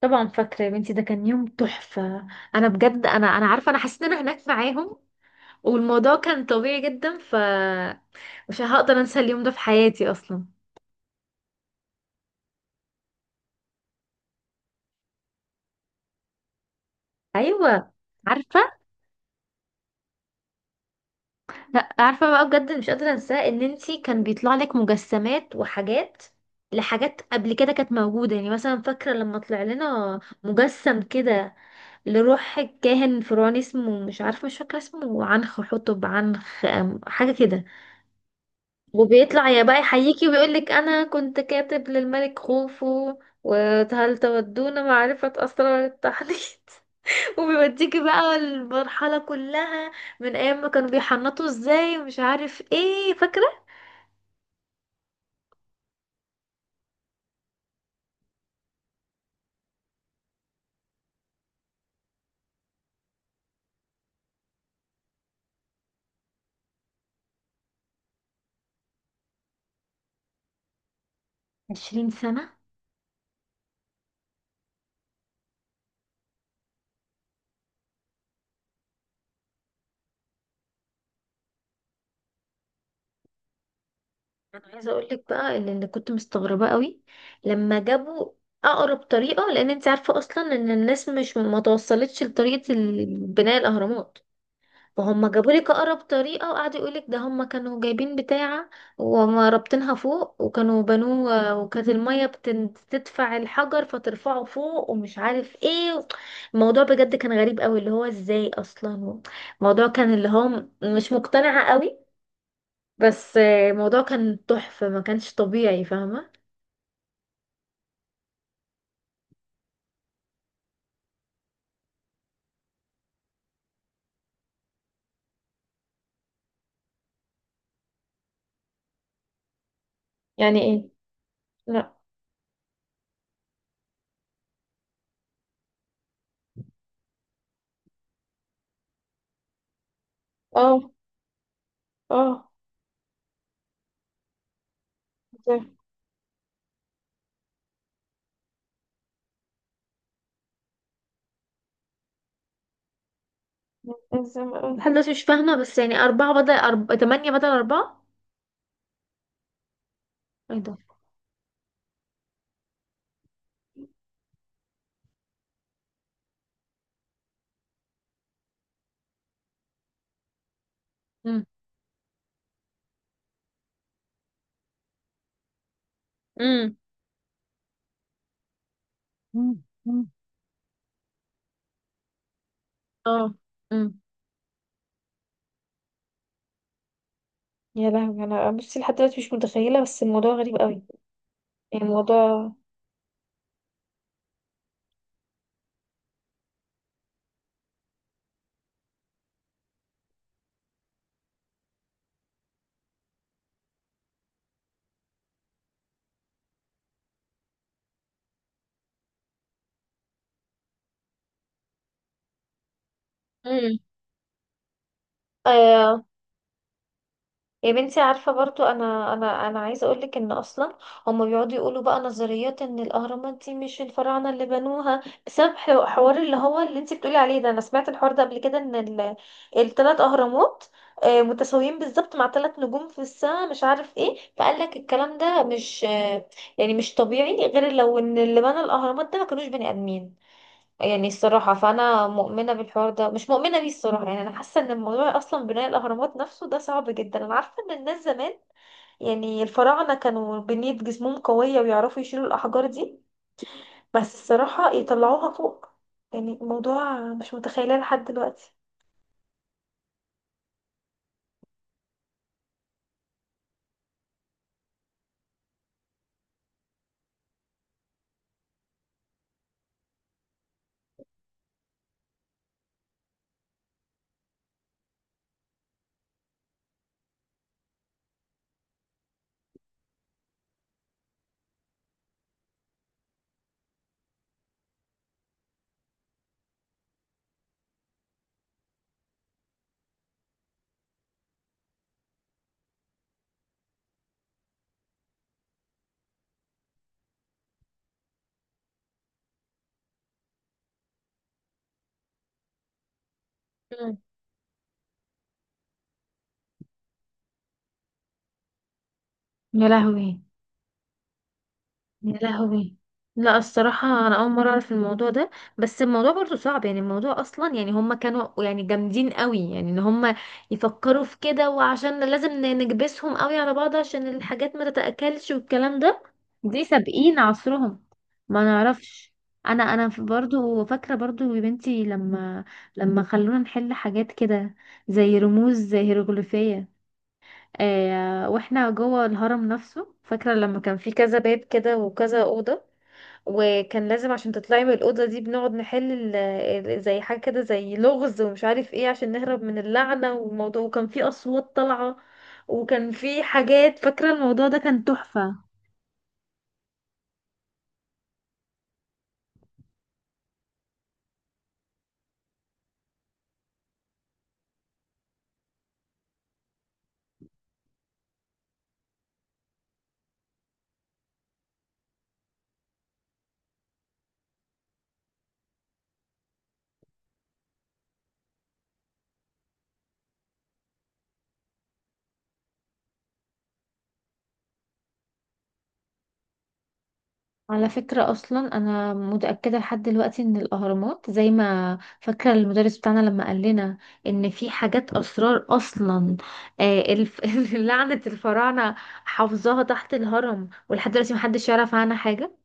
طبعا فاكرة يا بنتي، ده كان يوم تحفة. انا بجد، انا عارفة، انا حسيت ان انا هناك معاهم. والموضوع كان طبيعي جدا، ف مش هقدر انسى اليوم ده في حياتي اصلا. ايوه. عارفة. لا، عارفة بقى بجد، مش قادرة انساه، ان انتي كان بيطلع لك مجسمات وحاجات لحاجات قبل كده كانت موجودة. يعني مثلا فاكرة لما طلع لنا مجسم كده لروح كاهن فرعوني اسمه، مش عارفة، مش فاكرة اسمه، عنخ حتب عنخ حاجة كده. وبيطلع يا بقى يحييكي ويقول لك انا كنت كاتب للملك خوفو، وهل تودون معرفة اسرار التحنيط؟ وبيوديكي بقى المرحلة كلها من ايام ما كانوا بيحنطوا ازاي ومش عارف ايه. فاكرة، 20 سنة. انا عايزة اقول لك بقى ان اللي كنت مستغربة قوي لما جابوا اقرب طريقة، لان انت عارفة اصلا ان الناس مش ما توصلتش لطريقة بناء الاهرامات، فهم جابوا لك اقرب طريقه وقعدوا يقول لك ده هم كانوا جايبين بتاعه ورابطينها فوق وكانوا بنوه، وكانت الميه بتدفع الحجر فترفعه فوق ومش عارف ايه. الموضوع بجد كان غريب قوي، اللي هو ازاي اصلا. الموضوع كان اللي هو مش مقتنعه قوي. بس الموضوع كان تحفه، ما كانش طبيعي، فاهمه؟ يعني ايه؟ لا. اه، اه. زي- زي ما- لحد دلوقتي مش فاهمه، بس يعني اربعه بدل تمانية بدل اربعه. ايه ده؟ امم. مم. مم. اه. امم. يا لهوي، انا بصي لحد دلوقتي مش متخيله، بس الموضوع غريب قوي. يعني الموضوع. امم. يا بنتي عارفة برضو أنا عايزة أقولك، إن أصلا هما بيقعدوا يقولوا بقى نظريات إن الأهرامات دي مش الفراعنة اللي بنوها بسبب حوار اللي هو اللي انتي بتقولي عليه ده. أنا سمعت الحوار ده قبل كده، إن التلات أهرامات متساويين بالظبط مع تلات نجوم في السماء مش عارف ايه. فقال لك الكلام ده مش يعني مش طبيعي غير لو إن اللي بنى الأهرامات ده ما كانوش بني آدمين. يعني الصراحة فأنا مؤمنة بالحوار ده، مش مؤمنة بيه الصراحة، يعني أنا حاسة إن الموضوع أصلا بناء الأهرامات نفسه ده صعب جدا. أنا عارفة إن الناس زمان، يعني الفراعنة، كانوا بنية جسمهم قوية ويعرفوا يشيلوا الأحجار دي، بس الصراحة يطلعوها فوق. يعني الموضوع مش متخيلة لحد دلوقتي. مم. يا لهوي. يا لهوي. لا، الصراحة أنا أول مرة أعرف الموضوع ده، بس الموضوع برضو صعب. يعني الموضوع أصلا، يعني هما كانوا يعني جامدين قوي، يعني إن هما يفكروا في كده، وعشان لازم نكبسهم قوي على بعض عشان الحاجات ما تتأكلش والكلام ده. دي سابقين عصرهم. ما نعرفش. أنا برضو فاكرة، برضو يا بنتي، لما خلونا نحل حاجات كده زي رموز هيروغليفية واحنا جوه الهرم نفسه. فاكرة لما كان في كذا باب كده وكذا أوضة، وكان لازم عشان تطلعي من الأوضة دي بنقعد نحل زي حاجة كده زي لغز ومش عارف ايه عشان نهرب من اللعنة والموضوع. وكان في أصوات طالعة وكان في حاجات. فاكرة الموضوع ده كان تحفة. على فكرة أصلا أنا متأكدة لحد دلوقتي إن الأهرامات، زي ما فاكرة المدرس بتاعنا لما قال لنا إن في حاجات أسرار أصلا، آه الف... لعنة الفراعنة حافظاها تحت الهرم ولحد دلوقتي محدش يعرف عنها حاجة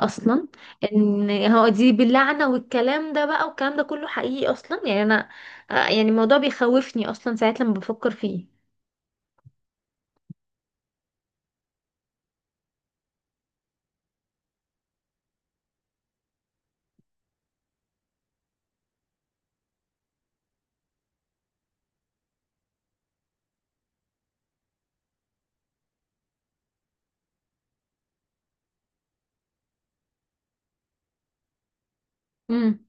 اصلا. ان هو دي باللعنه والكلام ده بقى والكلام ده كله حقيقي اصلا، يعني انا يعني الموضوع بيخوفني اصلا ساعات لما بفكر فيه. امم.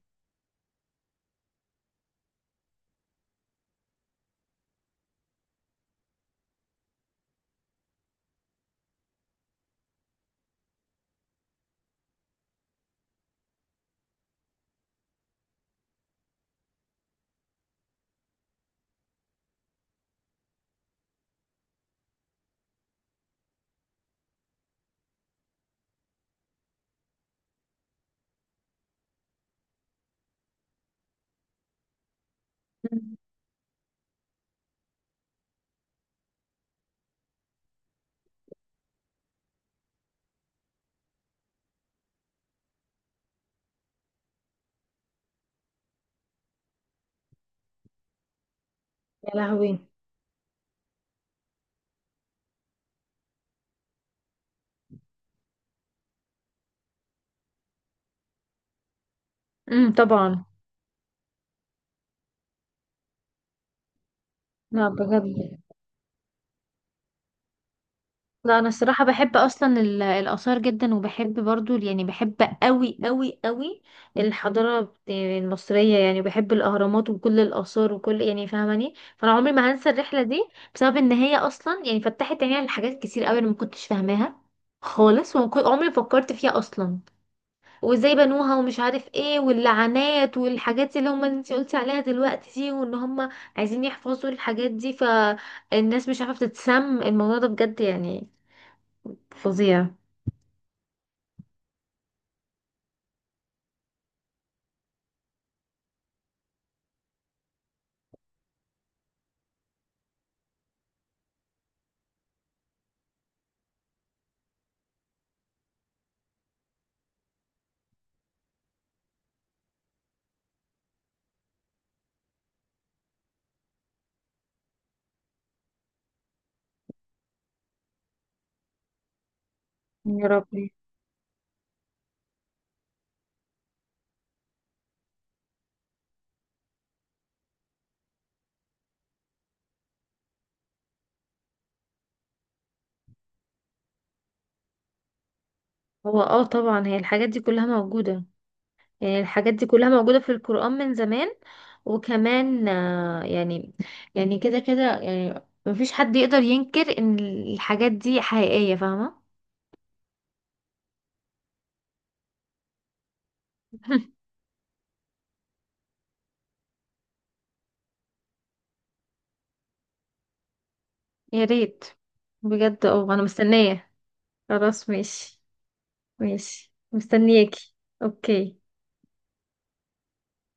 مم. يا لهوي. امم. طبعا. لا بجد. لا، انا الصراحه بحب اصلا الاثار جدا، وبحب برضو، يعني بحب قوي قوي قوي الحضاره المصريه. يعني بحب الاهرامات وكل الاثار وكل يعني، فاهماني؟ فانا عمري ما هنسى الرحله دي بسبب ان هي اصلا يعني فتحت عيني على حاجات كتير قوي انا ما كنتش فاهماها خالص، عمري ما فكرت فيها اصلا، وازاي بنوها ومش عارف ايه واللعنات والحاجات اللي هم انت قلتي عليها دلوقتي دي، وان هم عايزين يحفظوا الحاجات دي فالناس مش عارفه تتسم. الموضوع ده بجد يعني فظيع. يا ربي. هو طبعا هي الحاجات دي كلها موجودة، يعني الحاجات دي كلها موجودة في القرآن من زمان. وكمان يعني كده كده يعني مفيش حد يقدر ينكر ان الحاجات دي حقيقية، فاهمة؟ يا ريت. بجد، انا مستنية. خلاص ماشي. ماشي مستنياكي. اوكي.